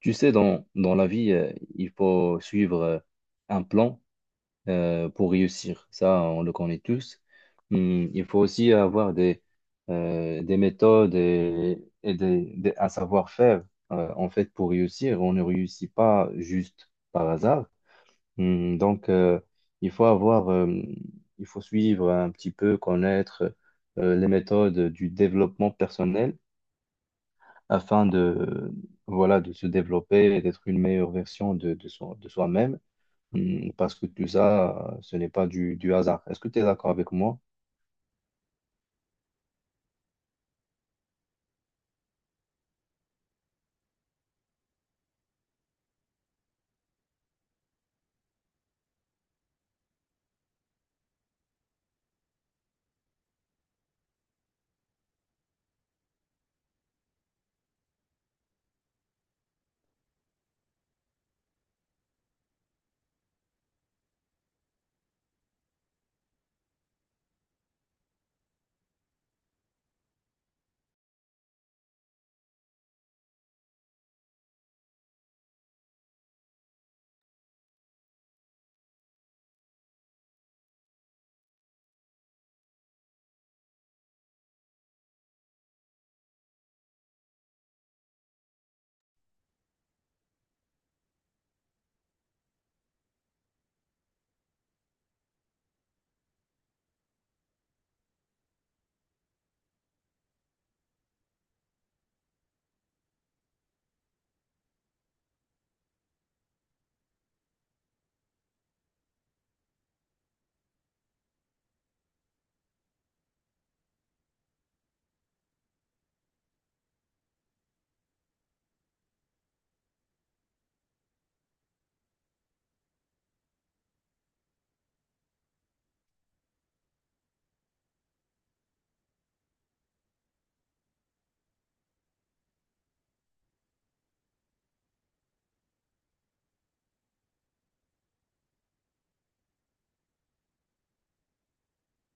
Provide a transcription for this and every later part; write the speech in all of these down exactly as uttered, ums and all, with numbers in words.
Tu sais, dans, dans la vie, euh, il faut suivre euh, un plan euh, pour réussir. Ça, on le connaît tous. Hum, il faut aussi avoir des, euh, des méthodes et, et des, des- un savoir-faire. euh, en fait, pour réussir, on ne réussit pas juste par hasard. Hum, donc, euh, il faut avoir, euh, il faut suivre un petit peu, connaître euh, les méthodes du développement personnel afin de, voilà, de se développer et d'être une meilleure version de, de soi, de soi-même. Hmm, parce que tout ça, euh, ce n'est pas du, du hasard. Est-ce que tu es d'accord avec moi?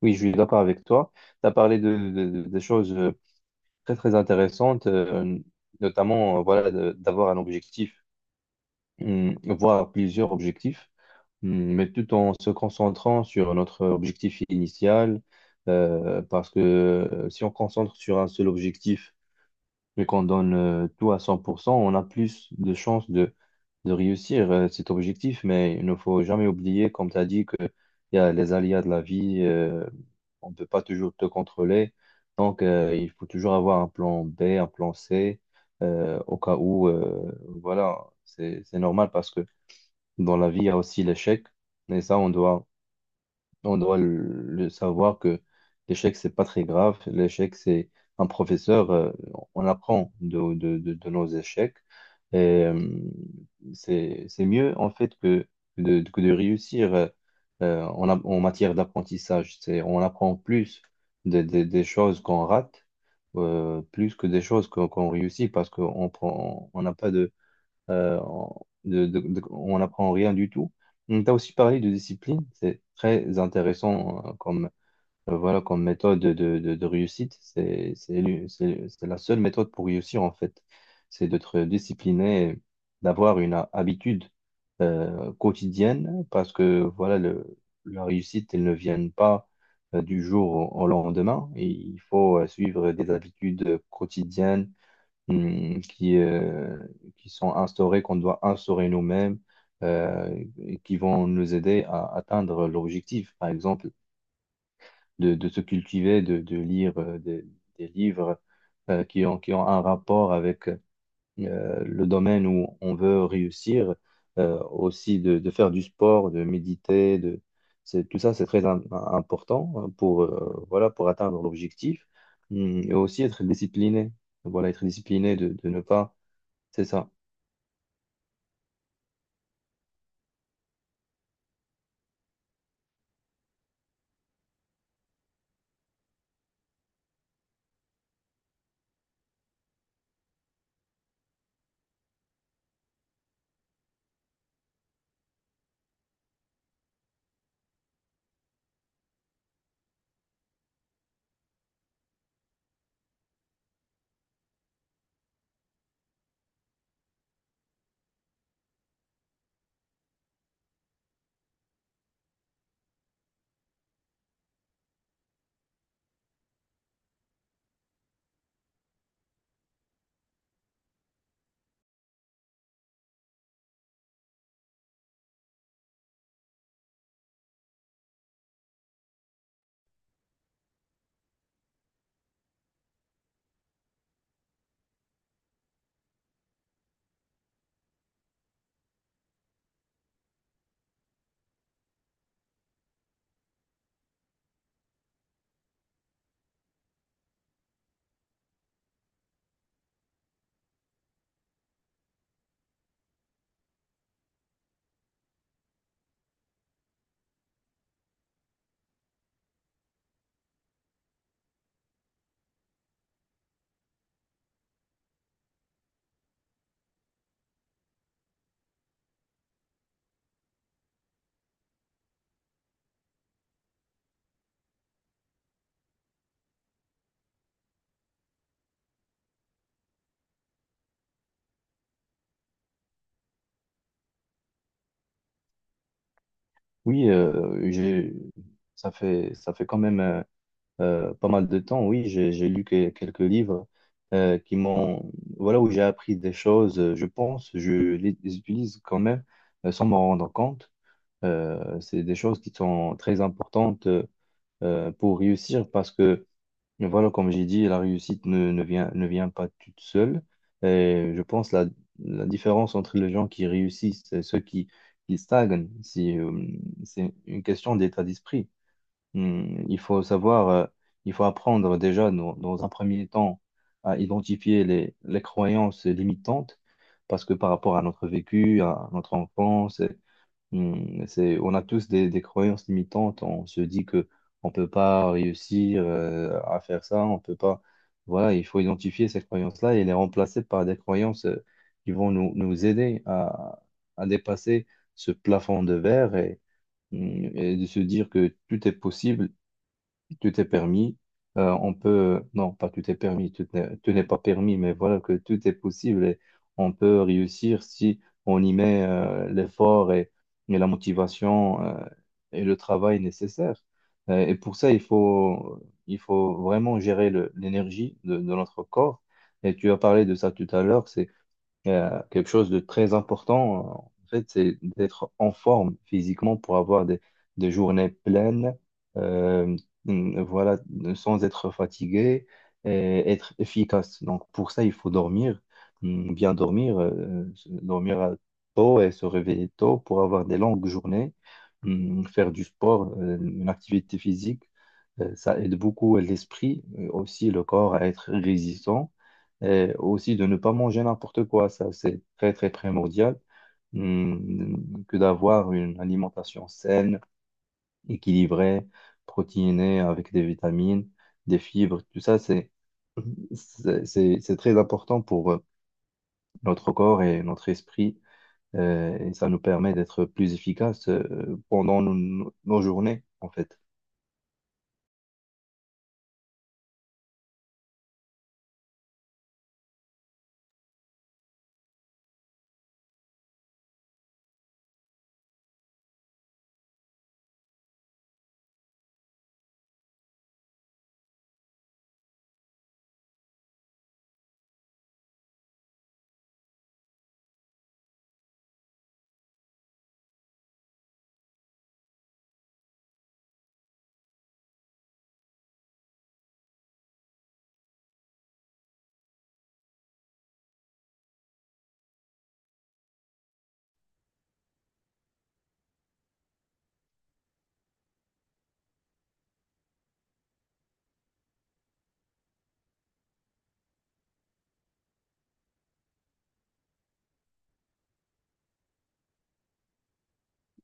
Oui, je suis d'accord avec toi. Tu as parlé de, de- de- des choses euh, très, très intéressantes, euh, notamment, euh, voilà, de- d'avoir un objectif, hmm, voire plusieurs objectifs, hmm, mais tout en se concentrant sur notre objectif initial, euh, parce que euh, si on concentre sur un seul objectif, vu qu'on donne euh, tout à cent pour cent, on a plus de chances de, de réussir euh, cet objectif. Mais il ne faut jamais oublier, comme tu as dit, qu'il y a les aléas de la vie. Euh, on ne peut pas toujours te contrôler. Donc, euh, il faut toujours avoir un plan B, un plan C, euh, au cas où. Euh, voilà, c'est, c'est normal, parce que dans la vie, il y a aussi l'échec, et ça, on doit, on doit le, le savoir, que l'échec, c'est pas très grave. L'échec, c'est un professeur. Euh, on apprend de, de, de, de nos échecs. Et euh, c'est, c'est mieux, en fait, que de, que de réussir euh, euh, en, a- en matière d'apprentissage. C'est, on apprend plus des des- des choses qu'on rate, euh, plus que des choses qu'on qu'on réussit, parce qu'on prend, on n'a pas euh, en- de- de- de- on n'apprend rien du tout. On t'a aussi parlé de discipline. C'est très intéressant euh, comme, euh, voilà, comme méthode de, de- de réussite. C'est c'est l'u- c'est- c'est la seule méthode pour réussir, en fait: c'est d'être discipliné, d'avoir une ha- habitude euh, quotidienne, parce que voilà, le, la réussite, elle ne vient pas euh, du jour au, au lendemain. Et il faut euh, suivre des habitudes quotidiennes hum, qui, euh, qui sont instaurés, qu'on doit instaurer nous-mêmes, euh, et qui vont nous aider à atteindre l'objectif: par exemple, de, de se cultiver, de, de lire euh, des, des livres euh, qui ont, qui ont un rapport avec euh, le domaine où on veut réussir, euh, aussi de, de faire du sport, de méditer, de... c'est- Tout ça, c'est très im- important, hein, pour, euh, voilà, pour atteindre l'objectif, Hum, et aussi être discipliné. Voilà, être discipliné, de de ne pas, c'est ça. Oui, euh, j'ai, ça fait, ça fait quand même euh, euh, pas mal de temps. Oui, j'ai j'ai lu que- quelques livres euh, qui m'ont, voilà, où j'ai appris des choses. Euh, je pense, je les les utilise quand même euh, sans m'en rendre compte. Euh, c'est des choses qui sont très importantes, euh, euh, pour réussir, parce que mais voilà, comme j'ai dit, la réussite ne, ne vient, ne vient pas toute seule. Et je pense la, la différence entre les gens qui réussissent et ceux qui, qui stagnent, c'est euh, c'est une question d'état d'esprit. Hmm, Il faut savoir, euh, il faut apprendre déjà dans, dans un premier temps à identifier les, les croyances limitantes, parce que par rapport à notre vécu, à notre enfance, Hmm, c'est, on a tous des, des croyances limitantes. On se dit que on peut pas réussir euh, à faire ça. On peut pas. Voilà, il faut identifier ces croyances-là et les remplacer par des croyances euh, qui vont nous, nous aider à, à dépasser ce plafond de verre, et, hmm, et de se dire que tout est possible. Tu t'es permis, euh, on peut, non, pas tu t'es permis, tu t'es- tu n'es pas permis, mais voilà que tout est possible et on peut réussir si on y met euh, l'effort et, et la motivation euh, et le travail nécessaire. Euh, Et pour ça, il faut, il faut vraiment gérer le- l'énergie de, de notre corps. Et tu as parlé de ça tout à l'heure. C'est euh, quelque chose de très important. Euh, en fait, c'est d'être en forme physiquement pour avoir des, des journées pleines, euh, mm, voilà, sans être fatigué et être efficace. Donc, pour ça, il faut dormir, mm, bien dormir, euh, se- dormir à- tôt, et se réveiller tôt pour avoir des longues journées. Mm, faire du sport, euh, une activité physique. euh, Ça aide beaucoup l'esprit, euh, aussi le corps à être résistant, et aussi de ne pas manger n'importe quoi. Ça, c'est très, très primordial. Hum, que d'avoir une alimentation saine, équilibrée, protéinée, avec des vitamines, des fibres, tout ça, c'est c'est c'est- c'est très important pour, euh, notre corps et notre esprit, euh, et ça nous permet d'être plus efficaces euh, pendant nos, nos journées, en fait.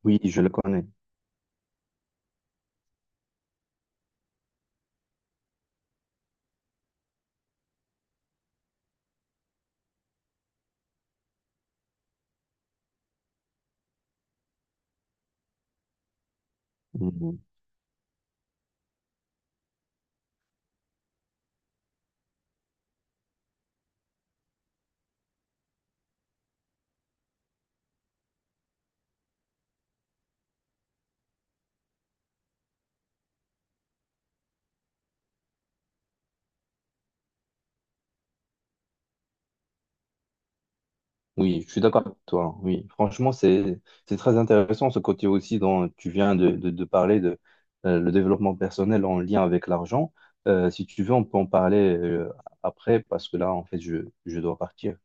Oui, je le connais. Hum, hum. Oui, je suis d'accord avec toi, hein. Oui, franchement, c'est c'est très intéressant, ce côté aussi dont tu viens de, de, de parler, de euh, le développement personnel en lien avec l'argent. Euh, si tu veux, on peut en parler euh, après, parce que là, en fait, je, je dois partir.